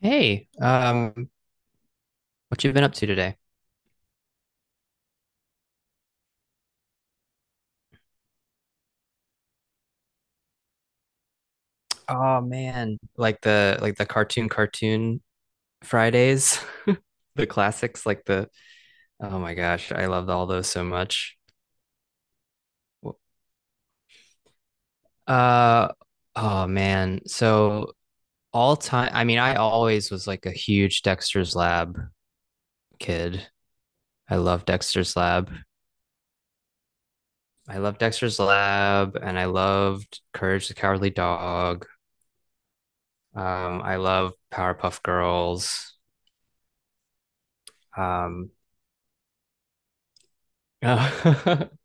Hey, what you been up to today? Oh man, like the cartoon Fridays, the classics, like the oh my gosh, I loved all those so much. Uh, oh man, so all time, I mean, I always was like a huge Dexter's Lab kid. I love Dexter's Lab. I love Dexter's Lab, and I loved Courage the Cowardly Dog. I love Powerpuff Girls. Um,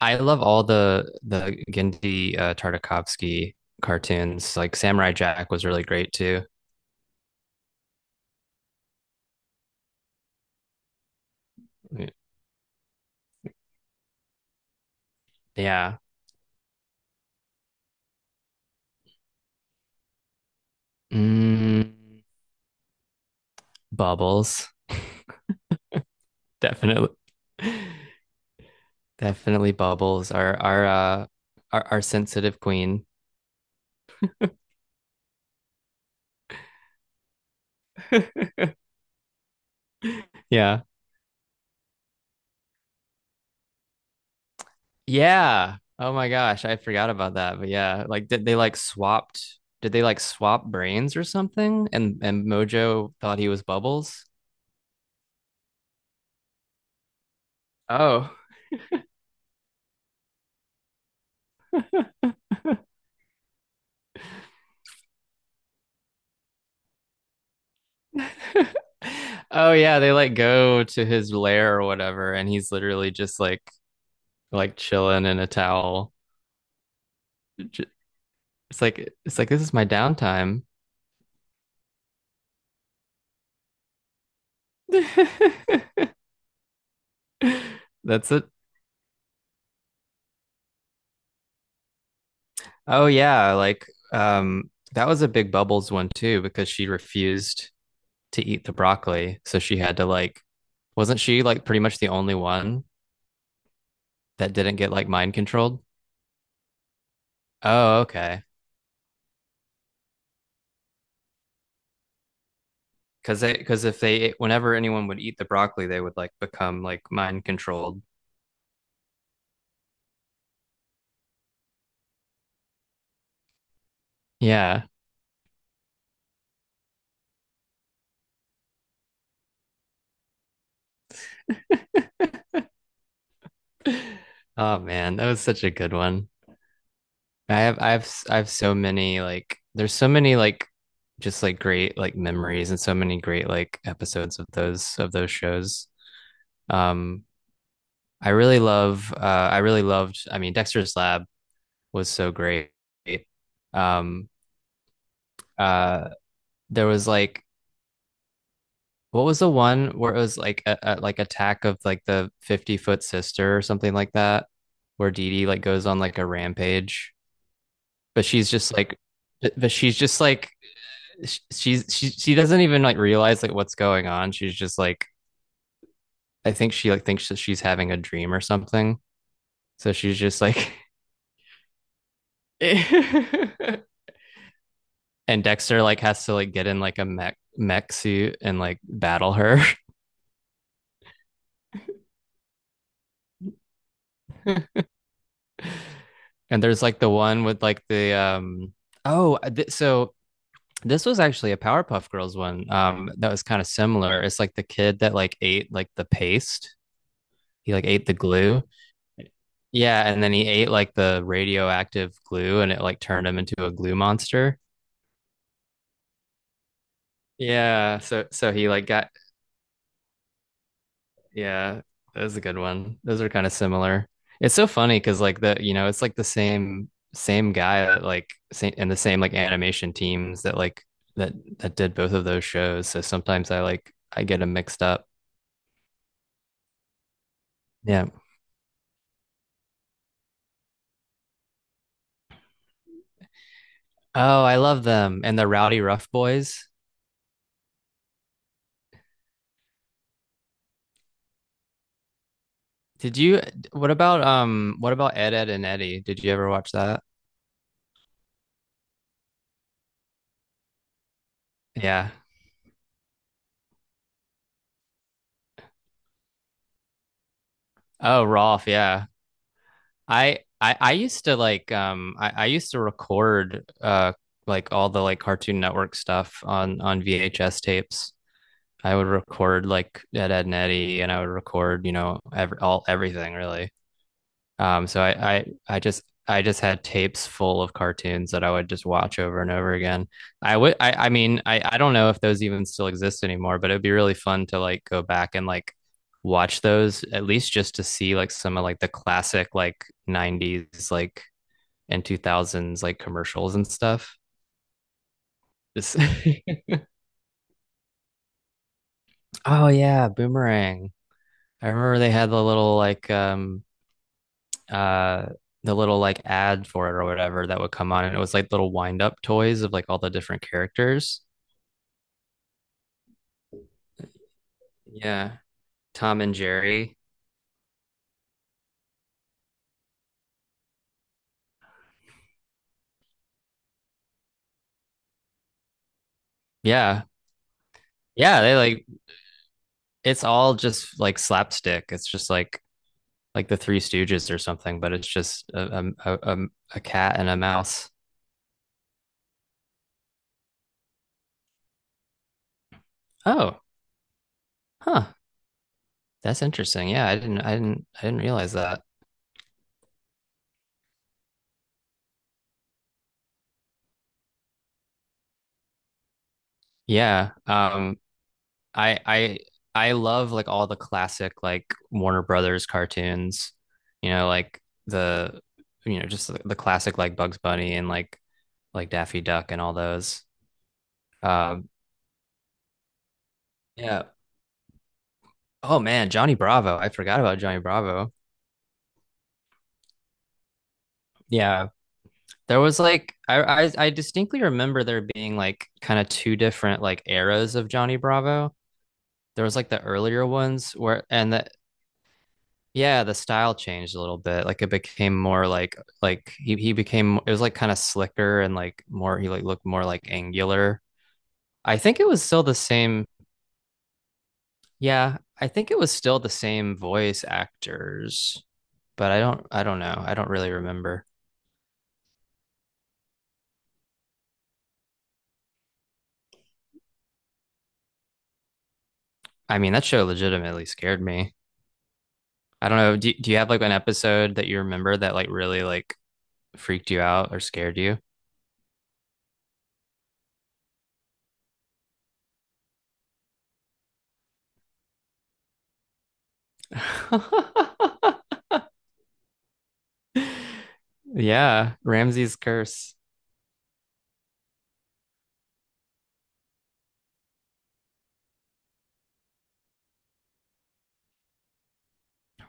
I love all the Gendy Tartakovsky cartoons. Like Samurai Jack was really great too. Yeah. Mm, Bubbles, definitely, definitely Bubbles. Our our sensitive queen. Yeah. Yeah. Oh my gosh, I forgot about that. But yeah, like did they like swapped? Did they like swap brains or something? And Mojo thought he was Bubbles. Oh, oh yeah, they like go to his lair or whatever, and he's literally just like chilling in a towel. J- It's like it's like this is my downtime. That's it. Oh yeah, like that was a big Bubbles one too because she refused to eat the broccoli, so she had to like wasn't she like pretty much the only one that didn't get like mind controlled? Oh, okay. Because they because if they whenever anyone would eat the broccoli, they would like become like mind controlled. Yeah. Oh man, that was such a good one. I have so many like there's so many like just like great like memories and so many great like episodes of those shows. Um I really love I really loved I mean Dexter's Lab was so great. Um uh there was like what was the one where it was like a like attack of like the 50-foot sister or something like that, where Dee Dee like goes on like a rampage, but she's just like, she doesn't even like realize like what's going on. She's just like, I think she like thinks that she's having a dream or something. So she's just like, and Dexter like has to like get in like a mech suit and like battle her. And there's like the one with like the oh this was actually a Powerpuff Girls one. That was kind of similar. It's like the kid that like ate like the paste. He like ate the glue. Yeah, and then he ate like the radioactive glue, and it like turned him into a glue monster. Yeah, so so he like got yeah, that was a good one. Those are kind of similar. It's so funny because like the you know it's like the same guy that like same, and the same like animation teams that like that that did both of those shows. So sometimes I like I get them mixed up. Yeah. Oh, I love them and the Rowdy Rough Boys. Did you what about Ed Ed and Eddie? Did you ever watch that? Yeah. Oh, Rolf, yeah. I used to like I used to record like all the like Cartoon Network stuff on VHS tapes. I would record like Ed Ed and Eddie and I would record, you know, everything really. So I just I just had tapes full of cartoons that I would just watch over and over again. I mean I don't know if those even still exist anymore, but it'd be really fun to like go back and like watch those at least just to see like some of like the classic like 90s like and 2000s like commercials and stuff. Just oh yeah, Boomerang. I remember they had uh the little like ad for it or whatever that would come on and it was like little wind up toys of like all the different characters. Yeah. Tom and Jerry. Yeah. Yeah, they like it's all just like slapstick. It's just like the Three Stooges or something, but it's just a cat and a mouse. Oh, huh. That's interesting. Yeah, I didn't realize that. Yeah. I I love like all the classic like Warner Brothers cartoons, you know, like the you know just the classic like Bugs Bunny and like Daffy Duck and all those. Um, yeah. Oh man, Johnny Bravo. I forgot about Johnny Bravo. Yeah. There was like I distinctly remember there being like kind of two different like eras of Johnny Bravo. There was like the earlier ones where and the yeah, the style changed a little bit. Like it became more like he became it was like kind of slicker and like more he like looked more like angular. I think it was still the same. Yeah, I think it was still the same voice actors, but I don't know. I don't really remember. I mean, that show legitimately scared me. I don't know. Do you have like an episode that you remember that like really like freaked you out or scared you? Yeah, Ramsey's Curse.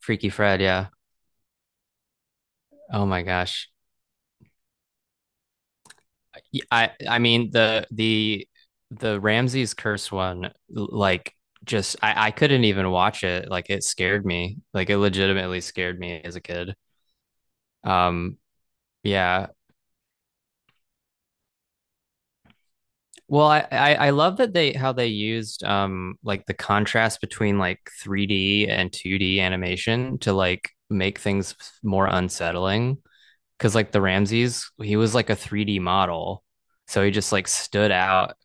Freaky Fred, yeah. Oh my gosh. I mean the Ramses curse one like just I couldn't even watch it. Like it scared me. Like it legitimately scared me as a kid. Um yeah. Well, I love that they how they used like the contrast between like 3D and 2D animation to like make things more unsettling. Cause like the Ramses, he was like a 3D model. So he just like stood out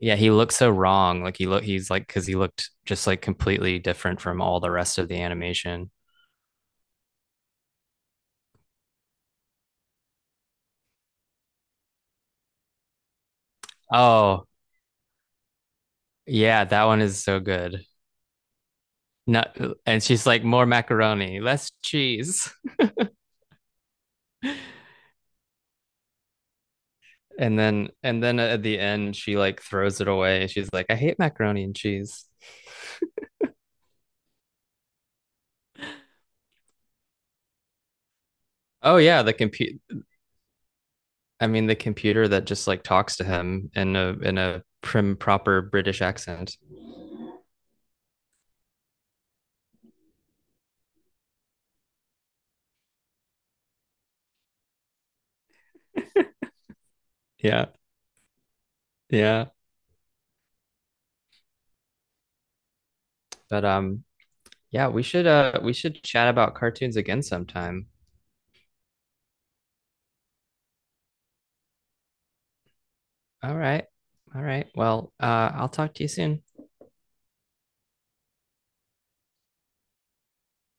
yeah, he looks so wrong. Like he's like because he looked just like completely different from all the rest of the animation. Oh, yeah, that one is so good. Not and she's like more macaroni, less cheese. And then at the end she like throws it away. She's like, I hate macaroni and cheese. Oh yeah, the compute I mean the computer that just like talks to him in a prim proper British accent. Yeah. Yeah. But yeah, we should chat about cartoons again sometime. All right. All right. Well, I'll talk to you soon.